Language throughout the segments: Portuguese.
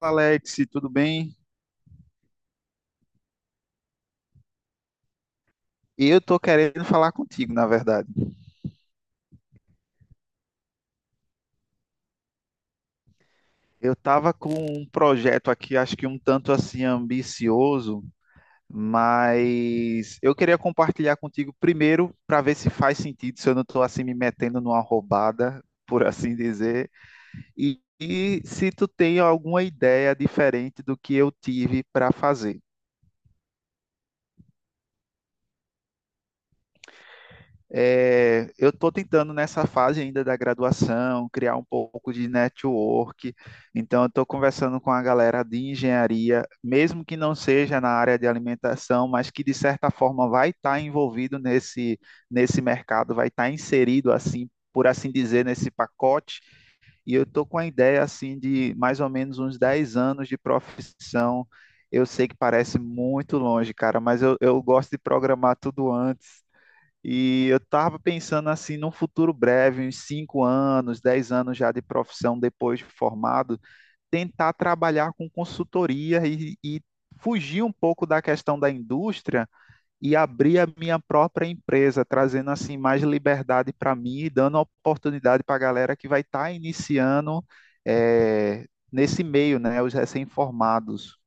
Alex, tudo bem? Eu tô querendo falar contigo, na verdade. Eu tava com um projeto aqui, acho que um tanto assim ambicioso, mas eu queria compartilhar contigo primeiro para ver se faz sentido, se eu não tô assim me metendo numa roubada, por assim dizer, e se tu tem alguma ideia diferente do que eu tive para fazer. É, eu estou tentando nessa fase ainda da graduação criar um pouco de network, então eu estou conversando com a galera de engenharia, mesmo que não seja na área de alimentação, mas que de certa forma vai estar envolvido nesse mercado, vai estar inserido assim, por assim dizer, nesse pacote. E eu estou com a ideia assim de mais ou menos uns 10 anos de profissão. Eu sei que parece muito longe, cara, mas eu gosto de programar tudo antes. E eu estava pensando assim, num futuro breve, uns 5 anos, 10 anos já de profissão depois de formado, tentar trabalhar com consultoria e fugir um pouco da questão da indústria e abrir a minha própria empresa, trazendo assim mais liberdade para mim e dando oportunidade para a galera que vai estar iniciando nesse meio, né, os recém-formados.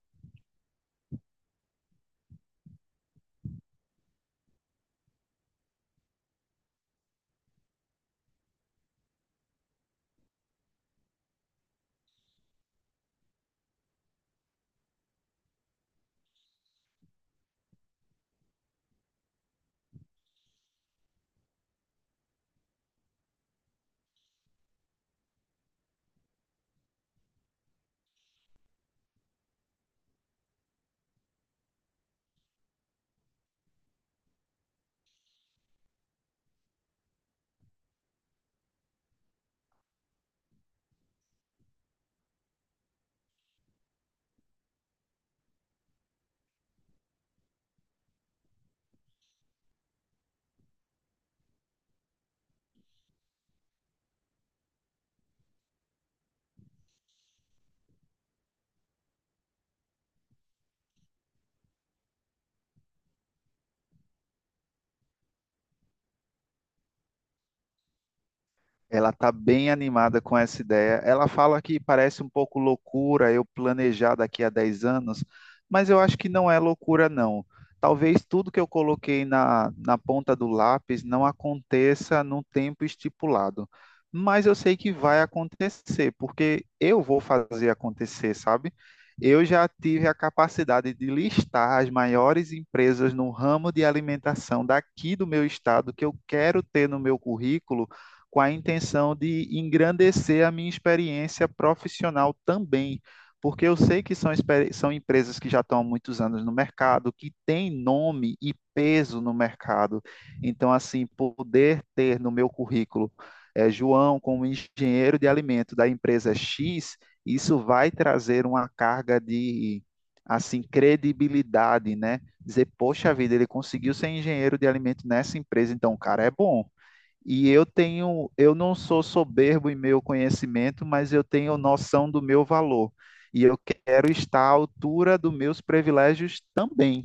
Ela está bem animada com essa ideia. Ela fala que parece um pouco loucura eu planejar daqui a 10 anos, mas eu acho que não é loucura, não. Talvez tudo que eu coloquei na ponta do lápis não aconteça num tempo estipulado, mas eu sei que vai acontecer, porque eu vou fazer acontecer, sabe? Eu já tive a capacidade de listar as maiores empresas no ramo de alimentação daqui do meu estado que eu quero ter no meu currículo com a intenção de engrandecer a minha experiência profissional também, porque eu sei que são, são empresas que já estão há muitos anos no mercado, que têm nome e peso no mercado. Então, assim, poder ter no meu currículo João como engenheiro de alimento da empresa X, isso vai trazer uma carga de assim credibilidade, né? Dizer, poxa vida, ele conseguiu ser engenheiro de alimento nessa empresa, então o cara é bom. E eu tenho, eu não sou soberbo em meu conhecimento, mas eu tenho noção do meu valor. E eu quero estar à altura dos meus privilégios também.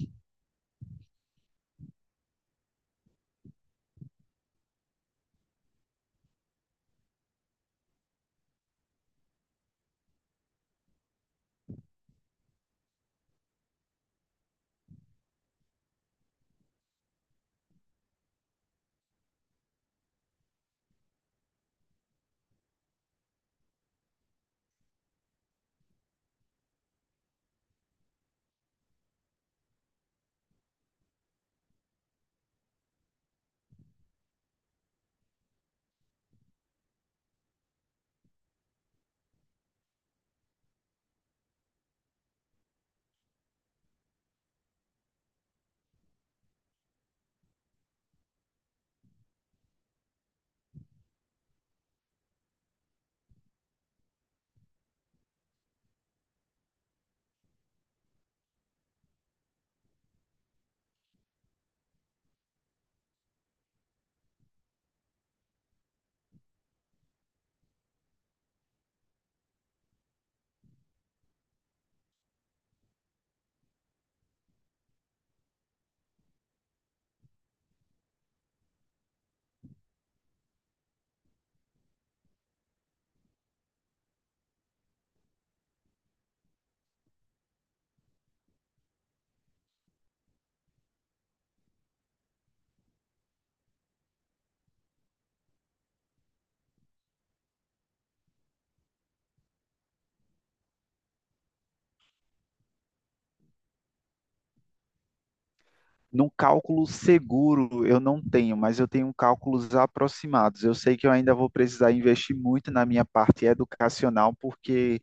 Num cálculo seguro eu não tenho, mas eu tenho cálculos aproximados. Eu sei que eu ainda vou precisar investir muito na minha parte educacional, porque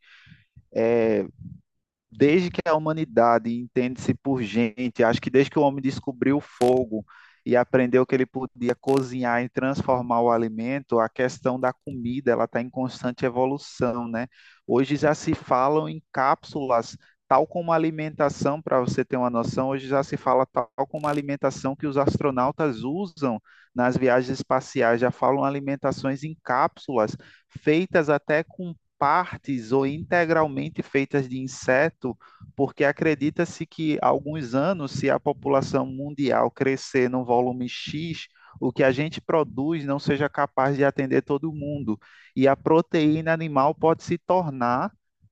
desde que a humanidade entende-se por gente, acho que desde que o homem descobriu o fogo e aprendeu que ele podia cozinhar e transformar o alimento, a questão da comida ela está em constante evolução, né? Hoje já se falam em cápsulas, tal como a alimentação, para você ter uma noção, hoje já se fala tal como a alimentação que os astronautas usam nas viagens espaciais, já falam alimentações em cápsulas, feitas até com partes ou integralmente feitas de inseto, porque acredita-se que há alguns anos, se a população mundial crescer num volume X, o que a gente produz não seja capaz de atender todo mundo. E a proteína animal pode se tornar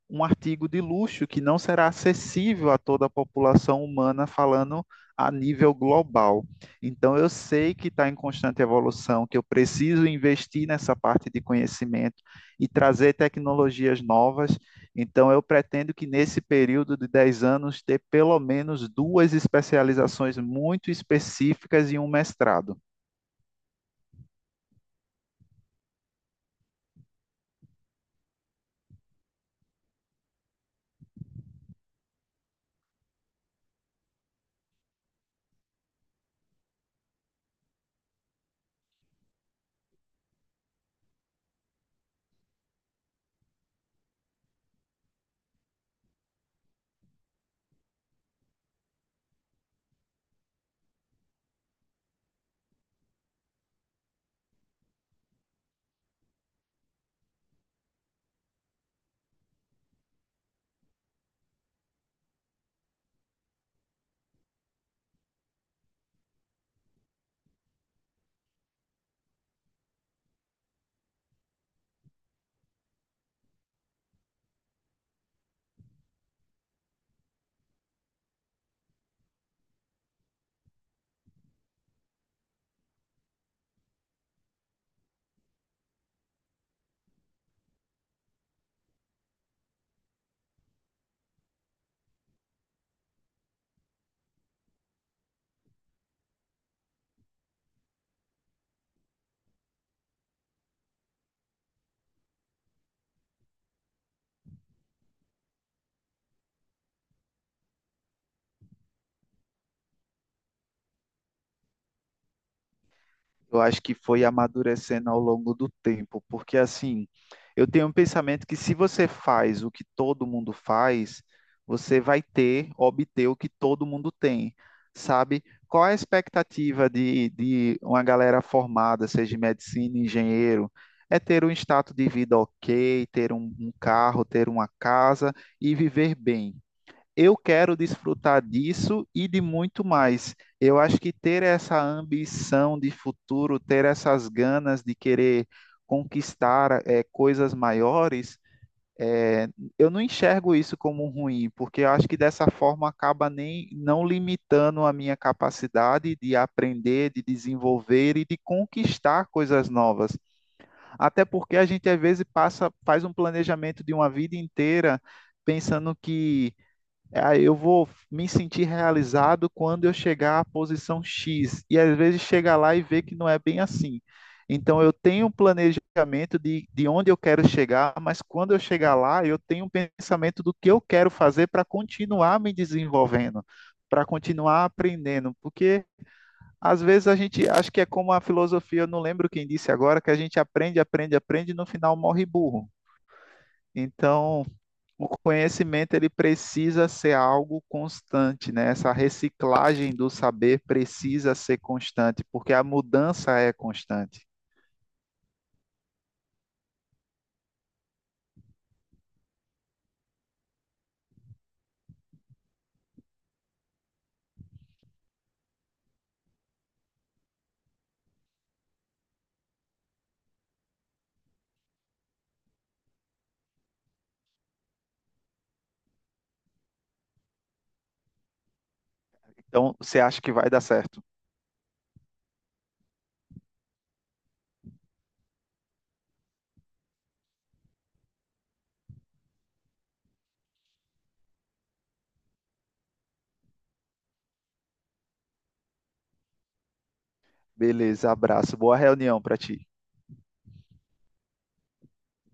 um artigo de luxo que não será acessível a toda a população humana, falando a nível global. Então, eu sei que está em constante evolução, que eu preciso investir nessa parte de conhecimento e trazer tecnologias novas. Então, eu pretendo que nesse período de 10 anos ter pelo menos duas especializações muito específicas e um mestrado. Eu acho que foi amadurecendo ao longo do tempo, porque assim, eu tenho um pensamento que se você faz o que todo mundo faz, você vai ter, obter o que todo mundo tem, sabe? Qual é a expectativa de uma galera formada, seja em medicina, engenheiro? É ter um status de vida ok, ter um carro, ter uma casa e viver bem. Eu quero desfrutar disso e de muito mais. Eu acho que ter essa ambição de futuro, ter essas ganas de querer conquistar coisas maiores, eh, eu não enxergo isso como ruim, porque eu acho que dessa forma acaba nem não limitando a minha capacidade de aprender, de desenvolver e de conquistar coisas novas. Até porque a gente às vezes passa, faz um planejamento de uma vida inteira pensando que ah, eu vou me sentir realizado quando eu chegar à posição X. E às vezes chega lá e vê que não é bem assim. Então eu tenho um planejamento de onde eu quero chegar, mas quando eu chegar lá, eu tenho um pensamento do que eu quero fazer para continuar me desenvolvendo, para continuar aprendendo. Porque às vezes a gente, acho que é como a filosofia, eu não lembro quem disse agora, que a gente aprende, aprende, aprende e no final morre burro. Então, o conhecimento ele precisa ser algo constante, né? Essa reciclagem do saber precisa ser constante, porque a mudança é constante. Então, você acha que vai dar certo? Beleza, abraço. Boa reunião para ti.